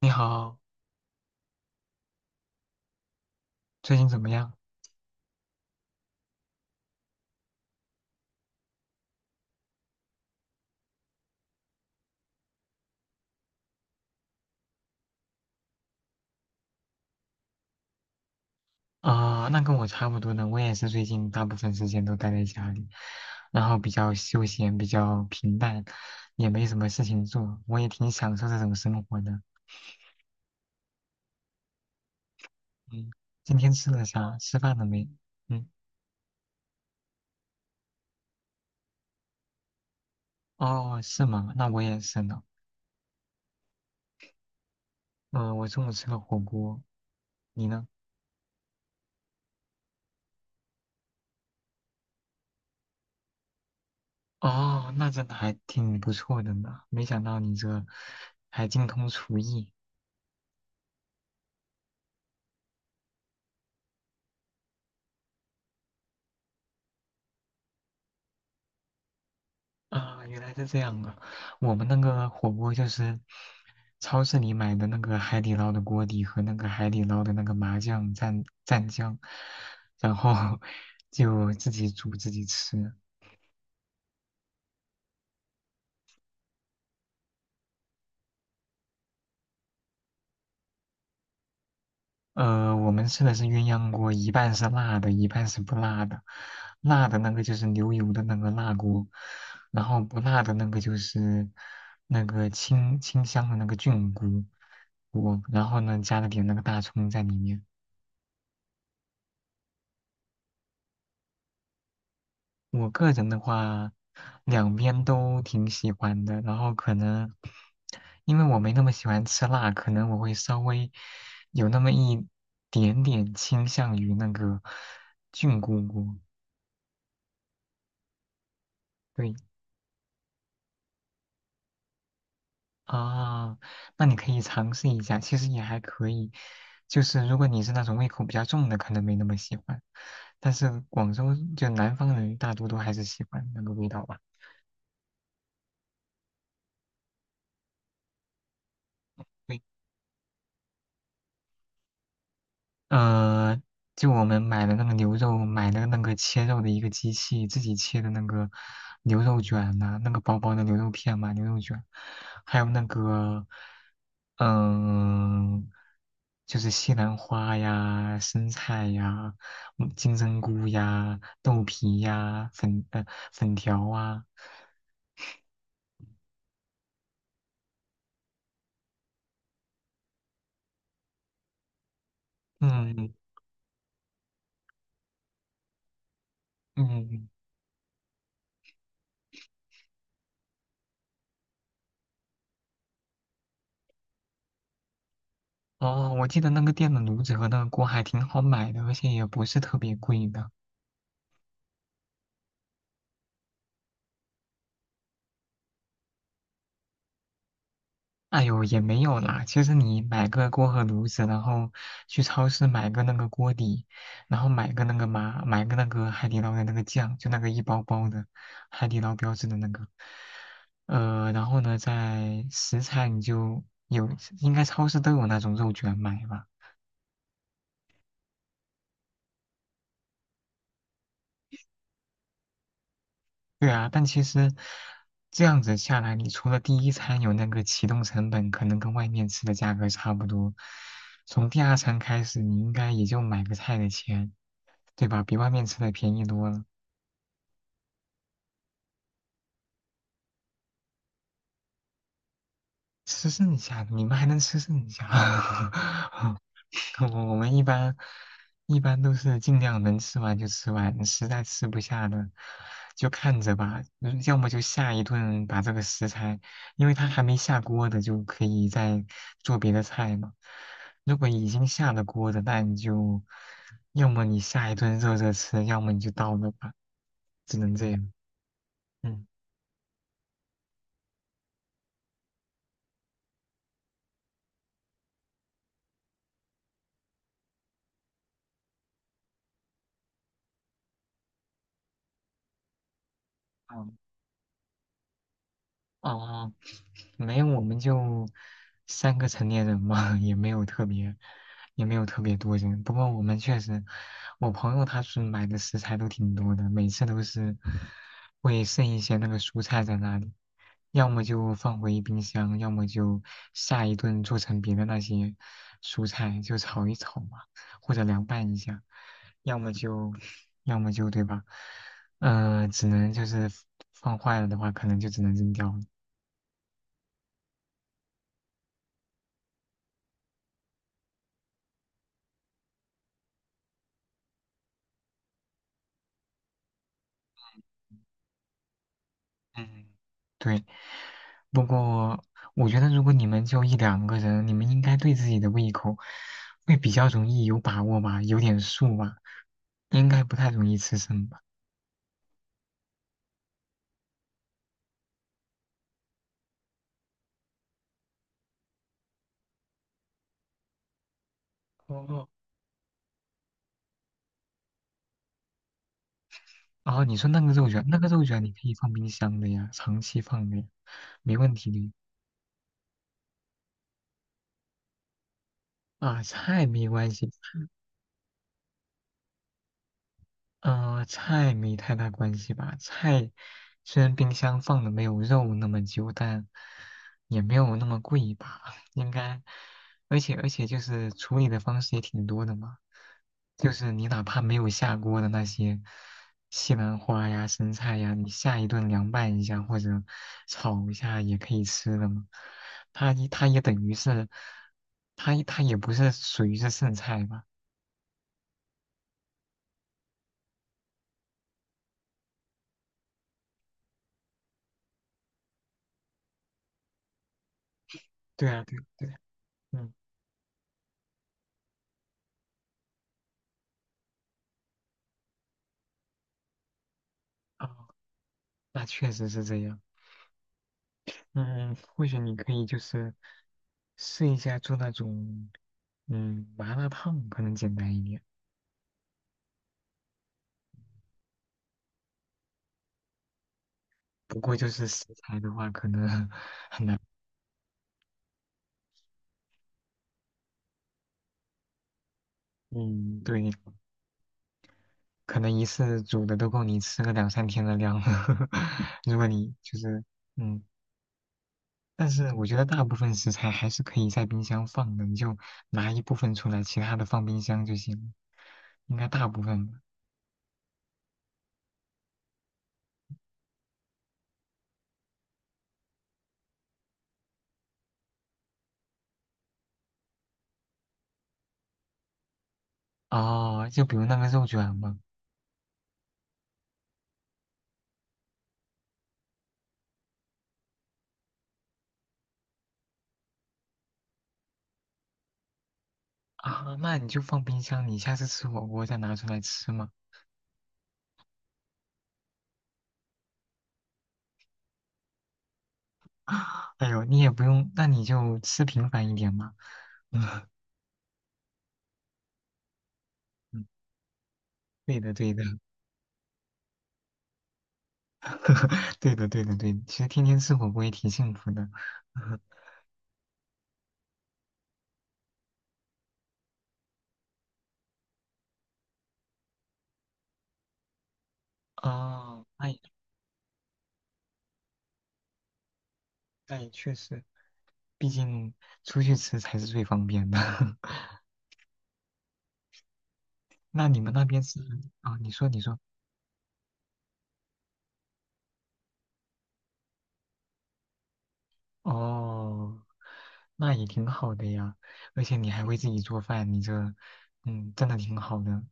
你好，最近怎么样？啊、那跟我差不多呢，我也是最近大部分时间都待在家里，然后比较休闲，比较平淡，也没什么事情做，我也挺享受这种生活的。嗯，今天吃了啥？吃饭了没？嗯，哦，是吗？那我也是呢。嗯、我中午吃了火锅，你呢？哦，那真的还挺不错的呢，没想到你这还精通厨艺。啊，原来是这样啊！我们那个火锅就是超市里买的那个海底捞的锅底和那个海底捞的那个麻酱蘸蘸酱，然后 就自己煮自己吃。我们吃的是鸳鸯锅，一半是辣的，一半是不辣的。辣的那个就是牛油的那个辣锅，然后不辣的那个就是那个清清香的那个菌菇锅，然后呢加了点那个大葱在里面。我个人的话，两边都挺喜欢的。然后可能因为我没那么喜欢吃辣，可能我会稍微有那么一点点倾向于那个菌菇。对啊，那你可以尝试一下，其实也还可以。就是如果你是那种胃口比较重的，可能没那么喜欢。但是广州就南方人大多都还是喜欢那个味道吧。对呃，就我们买的那个牛肉，买的那个切肉的一个机器，自己切的那个牛肉卷呐、那个薄薄的牛肉片嘛，牛肉卷，还有那个，嗯、就是西兰花呀、生菜呀、金针菇呀、豆皮呀、粉条啊，嗯嗯，哦，我记得那个店的炉子和那个锅还挺好买的，而且也不是特别贵的。哎呦，也没有啦。其实你买个锅和炉子，然后去超市买个那个锅底，然后买个那个嘛，买个那个海底捞的那个酱，就那个一包包的海底捞标志的那个。然后呢，在食材你就有，应该超市都有那种肉卷买吧。对啊，但其实这样子下来，你除了第一餐有那个启动成本，可能跟外面吃的价格差不多，从第二餐开始，你应该也就买个菜的钱，对吧？比外面吃的便宜多了，吃剩下的，你们还能吃剩下。我们一般都是尽量能吃完就吃完，实在吃不下的就看着吧，要么就下一顿把这个食材，因为它还没下锅的，就可以再做别的菜嘛。如果已经下了锅的，那你就要么你下一顿热热吃，要么你就倒了吧，只能这样。嗯，好哦，没有，我们就三个成年人嘛，也没有特别，也没有特别多人。不过我们确实，我朋友他是买的食材都挺多的，每次都是会剩一些那个蔬菜在那里，要么就放回冰箱，要么就下一顿做成别的那些蔬菜，就炒一炒嘛，或者凉拌一下，要么就，要么就，对吧？呃，只能就是放坏了的话，可能就只能扔掉了。嗯，对，不过我觉得如果你们就一两个人，你们应该对自己的胃口会比较容易有把握吧，有点数吧，应该不太容易吃剩吧。哦，哦，你说那个肉卷，那个肉卷你可以放冰箱的呀，长期放的呀，没问题的呀啊，菜没关系，嗯，菜没太大关系吧。菜虽然冰箱放的没有肉那么久，但也没有那么贵吧，应该。而且就是处理的方式也挺多的嘛，就是你哪怕没有下锅的那些西兰花呀、生菜呀，你下一顿凉拌一下或者炒一下也可以吃的嘛。它也等于是，它也不是属于是剩菜吧？对啊，对对，嗯。哦，那确实是这样。嗯，或许你可以就是试一下做那种麻辣烫，可能简单一点。不过就是食材的话，可能 很难。嗯，对，可能一次煮的都够你吃个两三天的量了。如果你就是嗯，但是我觉得大部分食材还是可以在冰箱放的，你就拿一部分出来，其他的放冰箱就行了。应该大部分吧。哦，就比如那个肉卷嘛。啊，那你就放冰箱，你下次吃火锅再拿出来吃嘛。哎呦，你也不用，那你就吃频繁一点嘛。嗯，嗯，对的，对的，对的，对的，对的。其实天天吃火锅也挺幸福的。哦，那也确实，毕竟出去吃才是最方便的。那你们那边是啊？你说，你说，哦，那也挺好的呀。而且你还会自己做饭，你这，嗯，真的挺好的。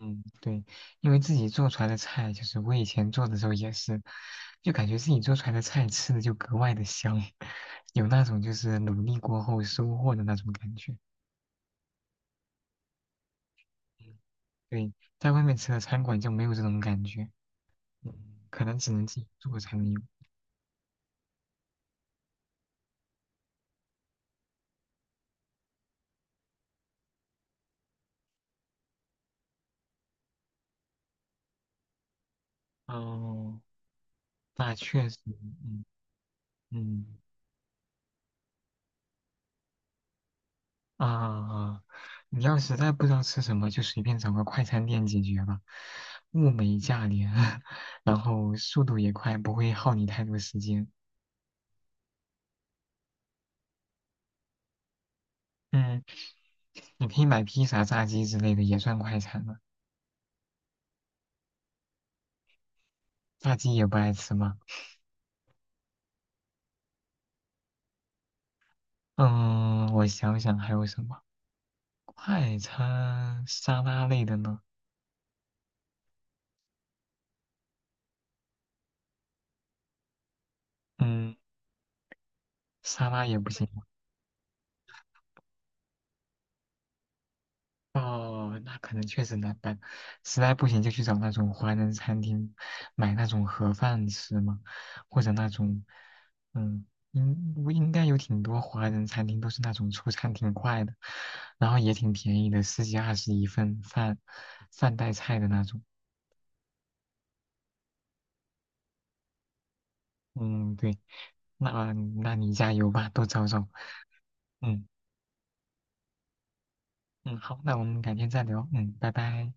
嗯，对，因为自己做出来的菜，就是我以前做的时候也是，就感觉自己做出来的菜吃的就格外的香，有那种就是努力过后收获的那种感觉。对，在外面吃的餐馆就没有这种感觉，嗯可能只能自己做才能有。哦，那确实，嗯嗯。啊，啊，你要实在不知道吃什么，就随便找个快餐店解决吧，物美价廉，然后速度也快，不会耗你太多时间。嗯，你可以买披萨、炸鸡之类的，也算快餐了。炸鸡也不爱吃吗？嗯，我想想还有什么快餐沙拉类的呢？嗯，沙拉也不行。哦，那可能确实难办，实在不行就去找那种华人餐厅买那种盒饭吃嘛，或者那种，嗯，应该有挺多华人餐厅都是那种出餐挺快的，然后也挺便宜的，十几二十一份饭，饭带菜的那种。嗯，对，那你加油吧，多找找。嗯嗯，好，那我们改天再聊。嗯，拜拜。